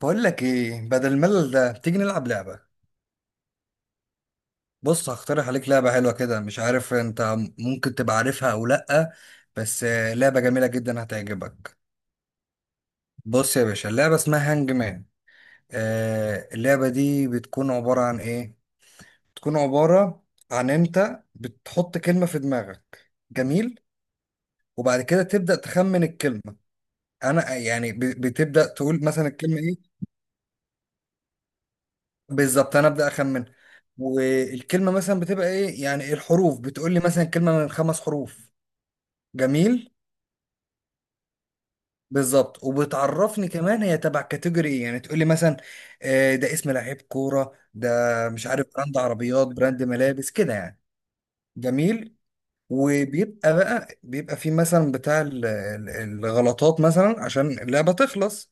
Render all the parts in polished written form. بقول لك ايه بدل الملل ده، تيجي نلعب لعبة. بص، هقترح عليك لعبة حلوة كده. مش عارف انت ممكن تبقى عارفها او لأ. بس لعبة جميلة جدا هتعجبك. بص يا باشا، اللعبة اسمها هانج مان. آه، اللعبة دي بتكون عبارة عن ايه. بتكون عبارة عن انت بتحط كلمة في دماغك. جميل. وبعد كده تبدأ تخمن الكلمة. انا يعني بتبدأ تقول مثلا الكلمة ايه. بالظبط انا ابدا اخمن. والكلمه مثلا بتبقى ايه، يعني الحروف بتقول لي مثلا كلمه من خمس حروف. جميل. بالظبط، وبتعرفني كمان هي تبع كاتيجوري ايه، يعني تقول لي مثلا ده اسم لعيب كوره ده. مش عارف، براند عربيات، براند ملابس كده يعني. جميل. وبيبقى بيبقى في مثلا بتاع الغلطات مثلا عشان اللعبه تخلص.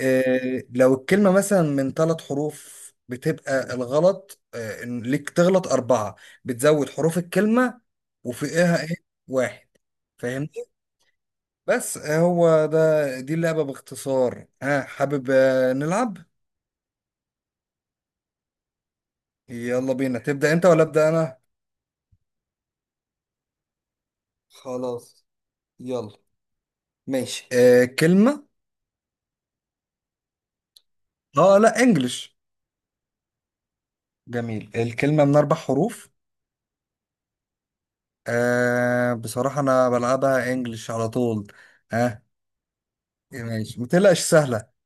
لو الكلمة مثلا من ثلاث حروف بتبقى الغلط إن ليك تغلط أربعة. بتزود حروف الكلمة وفوقها إيه. واحد. فاهمني. بس هو ده، دي اللعبة باختصار. ها حابب نلعب؟ يلا بينا. تبدأ أنت ولا أبدأ أنا؟ خلاص. يلا. ماشي كلمة. اه لا، انجلش. جميل، الكلمة من أربع حروف. آه بصراحة أنا بلعبها انجلش على طول. ها. آه ماشي، ما تقلقش سهلة.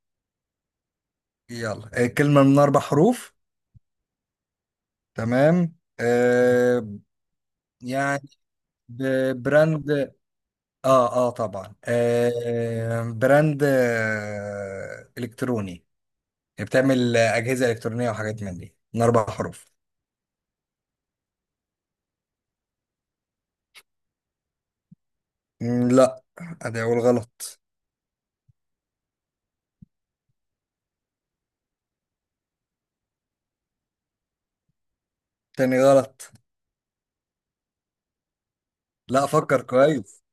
يلا كلمة من أربع حروف. تمام. آه. يعني براند. اه اه طبعا، آه براند آه إلكتروني. يعني بتعمل أجهزة إلكترونية وحاجات من دي، من أربع حروف. مم، لا. أدي أول غلط. تاني غلط. لا فكر كويس.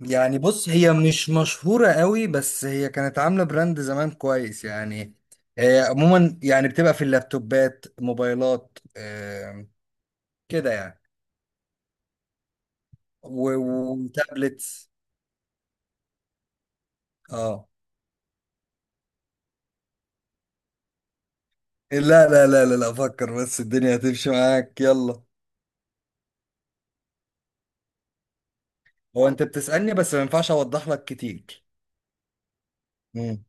يعني بص، هي مش مشهورة قوي بس هي كانت عاملة براند زمان كويس يعني. آه عموما يعني بتبقى في اللابتوبات، موبايلات آه، كده يعني. و- وتابلتس. اه. لا لا لا لا، لا فكر بس الدنيا هتمشي معاك. يلا. هو انت بتسألني بس ما ينفعش اوضح لك كتير. مم.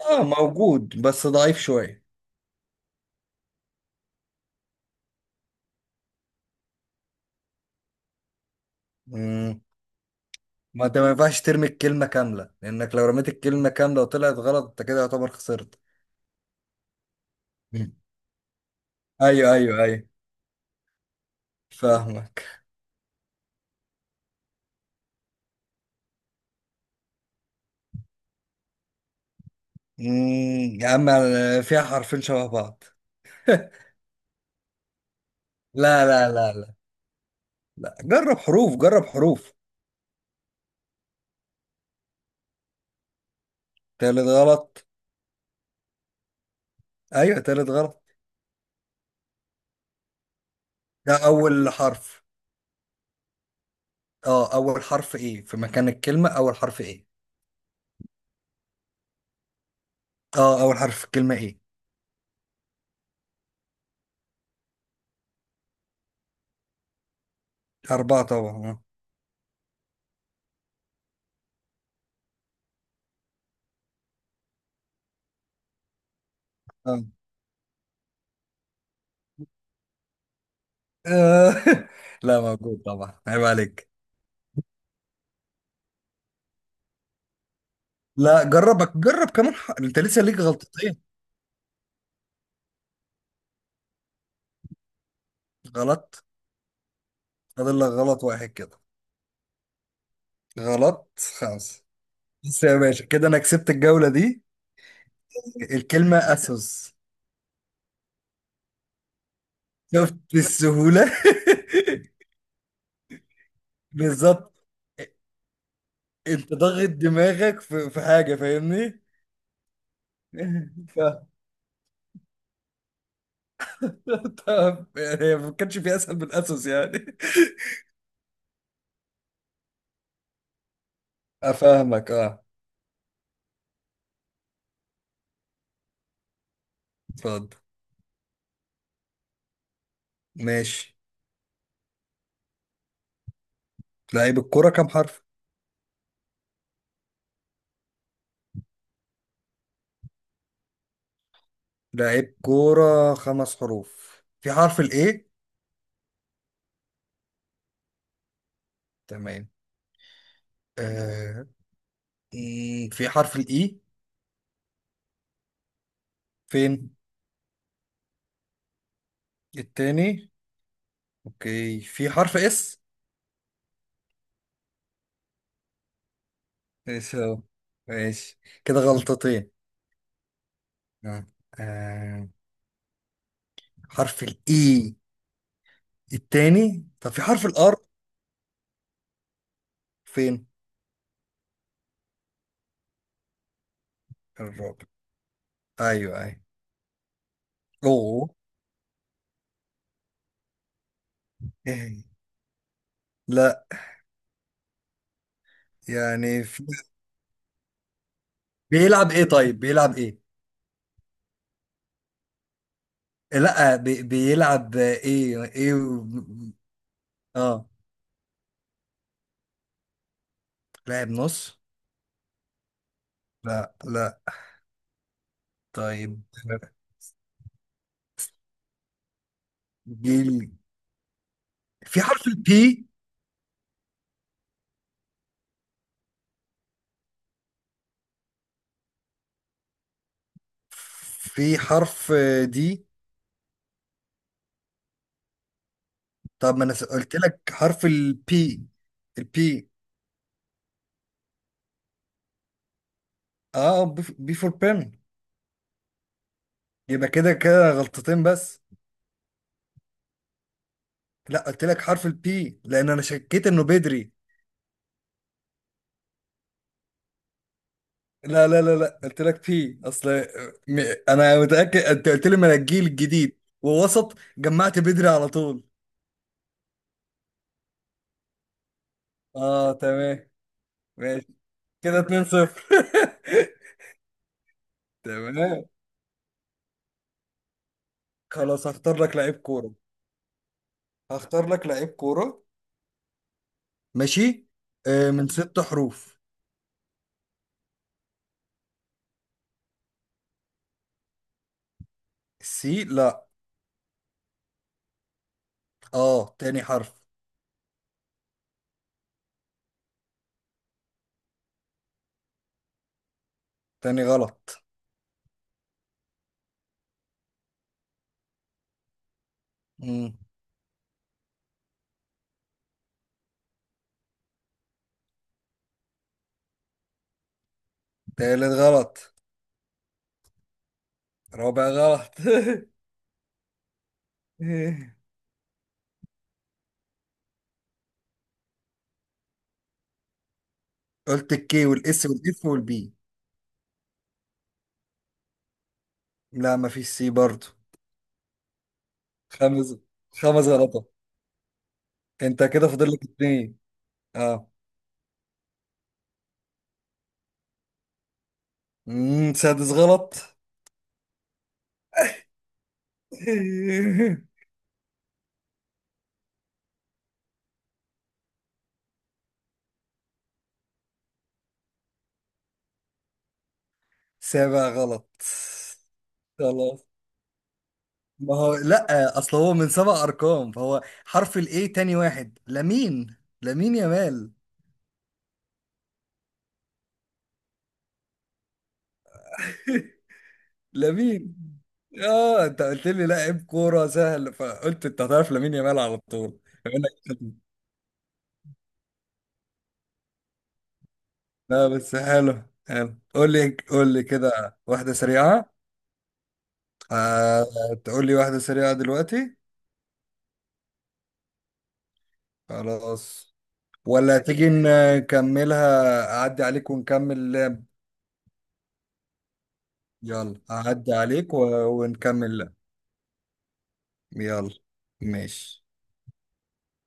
اه، موجود بس ضعيف شوية. مم. ما انت ما ينفعش ترمي الكلمة كاملة، لانك لو رميت الكلمة كاملة وطلعت غلط، انت كده يعتبر خسرت. مم. ايوه ايوه ايوه. فاهمك. مم، يا عم، فيها حرفين شبه بعض. لا لا لا لا، لا جرب حروف، جرب حروف. تالت غلط. ايوه تالت غلط. ده اول حرف. اه اول حرف ايه في مكان الكلمة، اول حرف ايه. اه اول حرف في الكلمة ايه. اربعة طبعا. اه. آه. لا موجود طبعا، عيب عليك. لا جربك، جرب كمان ح... انت لسه ليك غلطتين. غلط. فاضل لك غلط واحد كده. غلط. خمسة. بس يا باشا، كده انا كسبت الجولة دي. الكلمة اسوس. شفت السهولة؟ بالظبط. انت ضاغط دماغك في حاجة، فاهمني؟ طب يعني هي ما كانش في اسهل من اسس يعني. افهمك اه. اتفضل. ماشي. لعيب الكوره كام حرف؟ لعيب كوره خمس حروف، في حرف الاي؟ تمام. آه. مم، في حرف الاي؟ فين؟ التاني؟ اوكي، في حرف اس؟ ماشي اهو. ماشي. كده غلطتين. آه. آه. حرف الاي التاني. طب في حرف الار؟ فين؟ الرابع. ايوه ايوه. اوه. لا. يعني في... بيلعب ايه طيب، بيلعب ايه؟ لا بي... بيلعب ايه ايه اه. لاعب نص؟ لا لا. طيب جيل. في حرف البي؟ في حرف دي. طب ما انا قلت لك حرف البي. البي. اه. بي فور بيرن. يبقى كده كده غلطتين بس. لا، قلت لك حرف البي، لان انا شكيت انه بدري. لا لا لا لا، قلت لك في اصل م... انا متاكد انت قلت لي من الجيل الجديد، ووسط جمعت بدري على طول. اه تمام. ماشي. كده 2-0. تمام. خلاص هختار لك لعيب كوره. ماشي. آه من ست حروف. سي لا. اه تاني حرف. تاني غلط. مم. تالت غلط. رابع غلط. قلت الكي والاس والاف والبي. لا مفيش سي برضو. خمس. خمس غلطات. انت كده فاضل لك اتنين. اه. مم، سادس غلط. سابع غلط. خلاص. ما هو لا اصل هو من سبع ارقام، فهو حرف الاي تاني واحد. لمين؟ لمين يا مال؟ لمين؟ اه انت قلت لي لاعب كوره سهل، فقلت انت هتعرف لمين يا مال على طول. بما إنك- لا بس حلو حلو، قول لي قول لي كده واحده سريعه. آه. تقول لي واحده سريعه دلوقتي؟ خلاص. ولا تيجي نكملها، أعدي عليك ونكمل اللعب؟ يلا أعدي عليك و... ونكمل اللعب. يلا. ماشي.